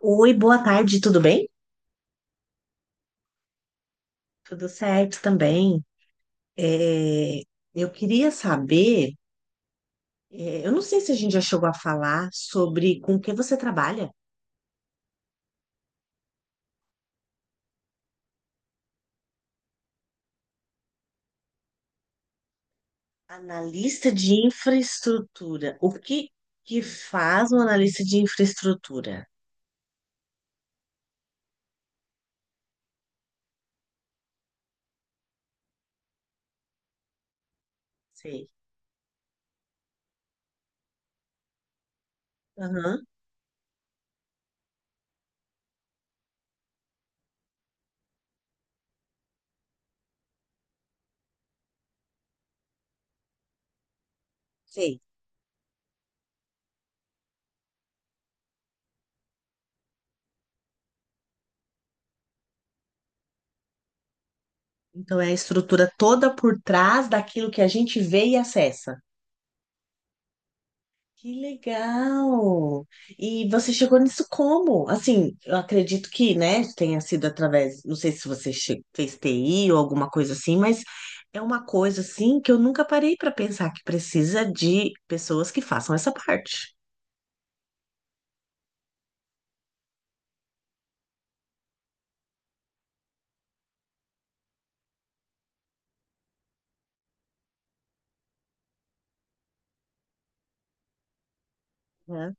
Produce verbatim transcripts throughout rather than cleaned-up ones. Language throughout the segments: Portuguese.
Oi, boa tarde, tudo bem? Tudo certo também. É, eu queria saber, é, eu não sei se a gente já chegou a falar sobre com que você trabalha. Analista de infraestrutura. O que que faz um analista de infraestrutura? Sei. Aham, sei. Então é a estrutura toda por trás daquilo que a gente vê e acessa. Que legal! E você chegou nisso como? Assim, eu acredito que, né, tenha sido através, não sei se você che- fez T I ou alguma coisa assim, mas é uma coisa assim que eu nunca parei para pensar que precisa de pessoas que façam essa parte. Né?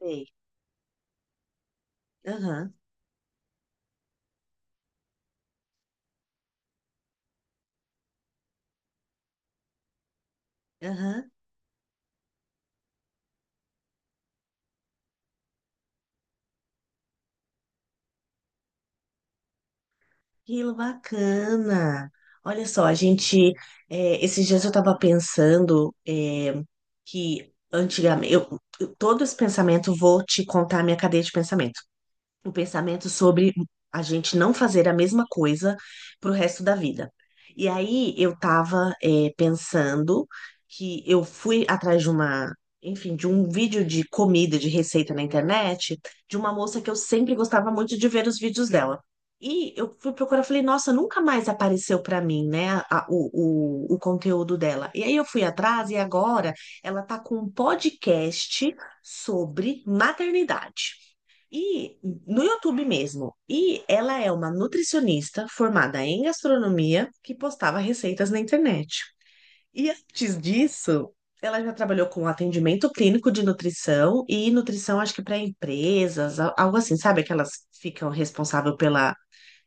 Sei. Aham, aham. Que bacana. Olha só, a gente, é, esses dias eu estava pensando, é, que antigamente, eu, eu- todo esse pensamento, vou te contar a minha cadeia de pensamento. O pensamento sobre a gente não fazer a mesma coisa pro resto da vida. E aí eu tava, eh, pensando que eu fui atrás de uma, enfim, de um vídeo de comida, de receita na internet, de uma moça que eu sempre gostava muito de ver os vídeos dela. E eu fui procurar, falei, nossa, nunca mais apareceu pra mim, né, a- o, o, o conteúdo dela. E aí eu fui atrás e agora ela tá com um podcast sobre maternidade. E no YouTube mesmo. E ela é uma nutricionista formada em gastronomia que postava receitas na internet. E antes disso, ela já trabalhou com atendimento clínico de nutrição e nutrição, acho que para empresas, al- algo assim, sabe? Que elas ficam responsável pela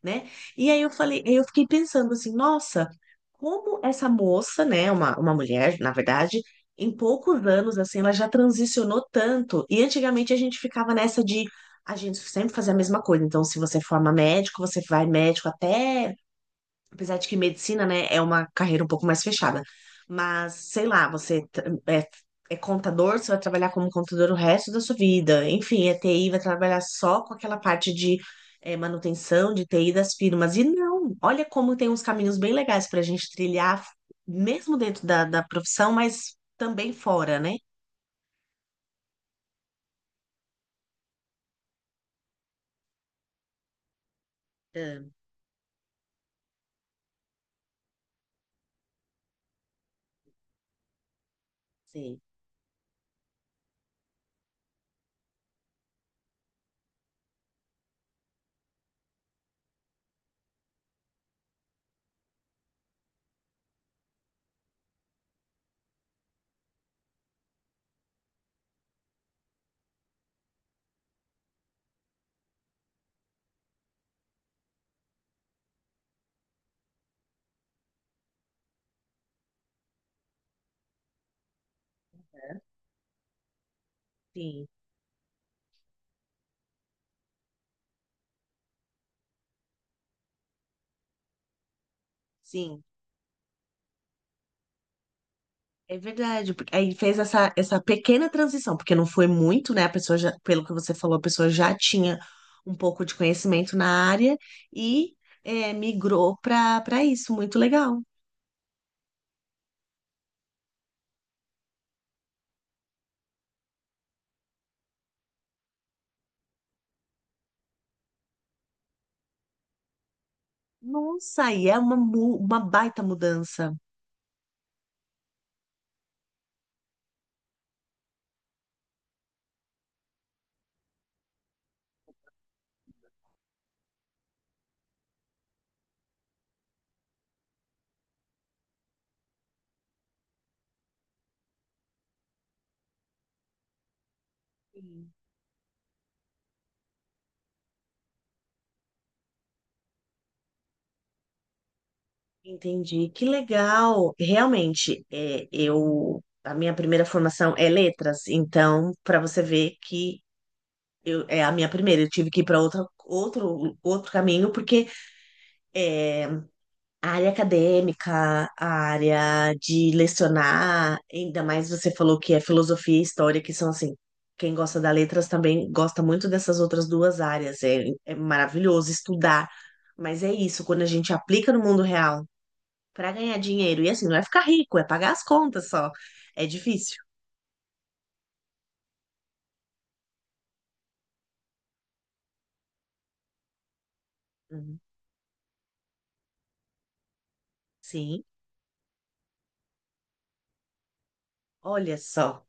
né? E aí eu falei, eu fiquei pensando assim, nossa, como essa moça, né, uma, uma mulher, na verdade, em poucos anos, assim, ela já transicionou tanto. E antigamente a gente ficava nessa de a gente sempre fazer a mesma coisa. Então, se você forma médico, você vai médico até Apesar de que medicina, né, é uma carreira um pouco mais fechada. Mas, sei lá, você tra- é, é contador, você vai trabalhar como contador o resto da sua vida. Enfim, é T I, vai trabalhar só com aquela parte de é, manutenção, de T I das firmas. E não, olha como tem uns caminhos bem legais para a gente trilhar, mesmo dentro da, da profissão, mas também fora, né? Ah, sim, sim, sim. É verdade, porque aí fez essa, essa pequena transição, porque não foi muito, né? A pessoa já, pelo que você falou, a pessoa já tinha um pouco de conhecimento na área e é, migrou para para isso. Muito legal. Nossa, e é uma, mu- uma baita mudança. Sim. Entendi, que legal. Realmente, é, eu a minha primeira formação é letras, então para você ver que eu, é a minha primeira, eu tive que ir para outra outro outro caminho porque é a área acadêmica, a área de lecionar, ainda mais você falou que é filosofia e história, que são assim, quem gosta da letras também gosta muito dessas outras duas áreas. É, é maravilhoso estudar, mas é isso, quando a gente aplica no mundo real para ganhar dinheiro, e assim, não é ficar rico, é pagar as contas só. É difícil. Uhum. Sim, olha só.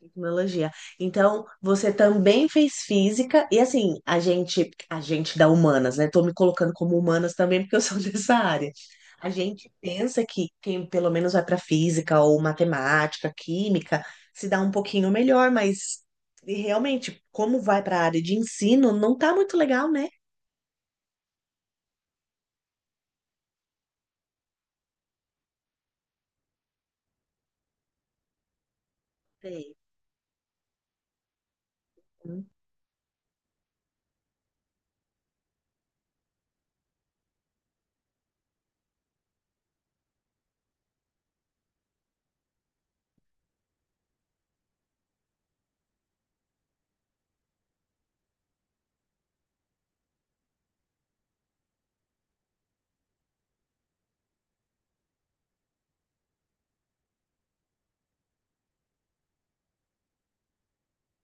Tecnologia. Então, você também fez física, e assim, a gente, a gente da humanas, né? Tô me colocando como humanas também, porque eu sou dessa área. A gente pensa que quem pelo menos vai para física ou matemática, química, se dá um pouquinho melhor, mas e realmente, como vai para a área de ensino, não tá muito legal, né? Sei.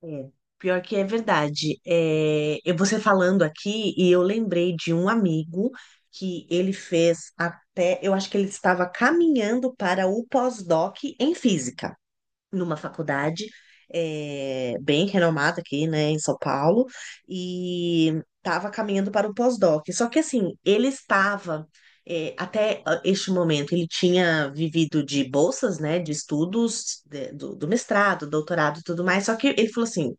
É, pior que é verdade. É, eu você falando aqui e eu lembrei de um amigo que ele fez até, eu acho que ele estava caminhando para o pós-doc em física numa faculdade eh, bem renomada aqui, né, em São Paulo, e estava caminhando para o pós-doc. Só que assim, ele estava eh, até ah, este momento ele tinha vivido de bolsas, né, de estudos de- do, do mestrado, doutorado, e tudo mais. Só que ele falou assim,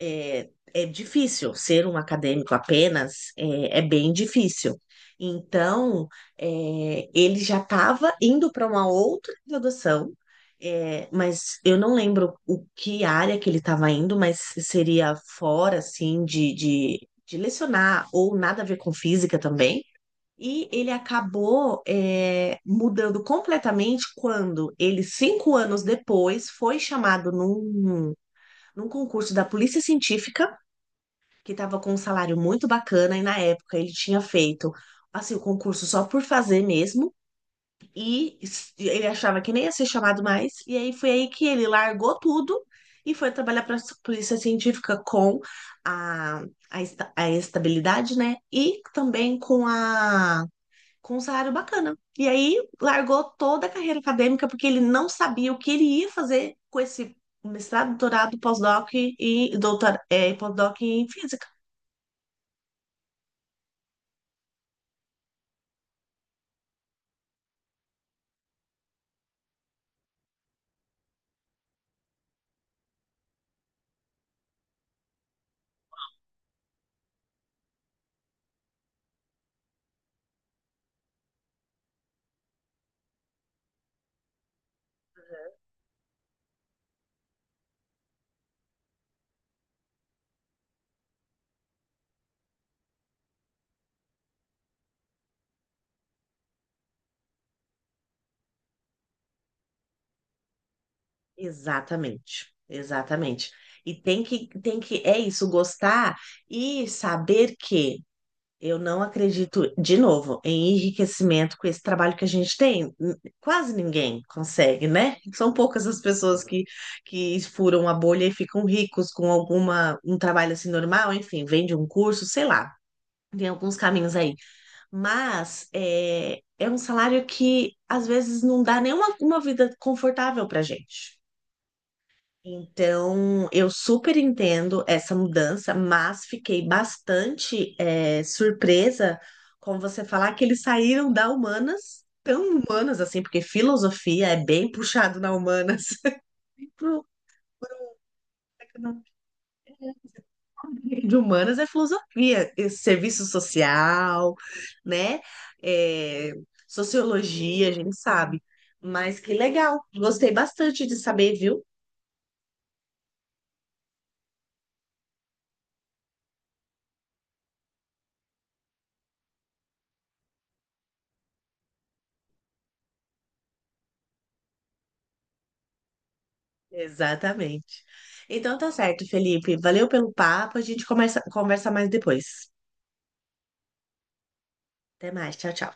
eh, é, difícil ser um acadêmico apenas, eh, é bem difícil. Então, eh, ele já estava indo para uma outra graduação é, mas eu não lembro o que área que ele estava indo, mas seria fora, assim, de, de, de lecionar ou nada a ver com física também. E ele acabou, é, mudando completamente quando ele, cinco anos depois, foi chamado num, num concurso da Polícia Científica, que estava com um salário muito bacana, e na época ele tinha feito, assim, o concurso só por fazer mesmo e s- ele achava que nem ia ser chamado mais. E aí foi aí que ele largou tudo e foi trabalhar para a polícia científica com a, a, esta- a estabilidade, né? E também com a com um salário bacana. E aí largou toda a carreira acadêmica porque ele não sabia o que ele ia fazer com esse mestrado, doutorado, pós-doc e doutor, é, pós-doc em física. Exatamente, exatamente. E tem que, tem que, é isso, gostar e saber que eu não acredito, de novo, em enriquecimento com esse trabalho que a gente tem. N- Quase ninguém consegue, né? São poucas as pessoas que, que furam a bolha e ficam ricos com alguma, um trabalho assim normal, enfim, vende um curso, sei lá. Tem alguns caminhos aí. Mas é, é um salário que às vezes não dá nenhuma uma vida confortável pra gente. Então, eu super entendo essa mudança, mas fiquei bastante eh, surpresa com você falar que eles saíram da humanas, tão humanas assim, porque filosofia é bem puxado na humanas. Pro- De humanas é filosofia, e serviço social, né? Eh, sociologia, a gente sabe. Mas que legal, gostei bastante de saber, viu? Exatamente. Então tá certo, Felipe. Valeu pelo papo. A gente começa conversa mais depois. Até mais. Tchau, tchau.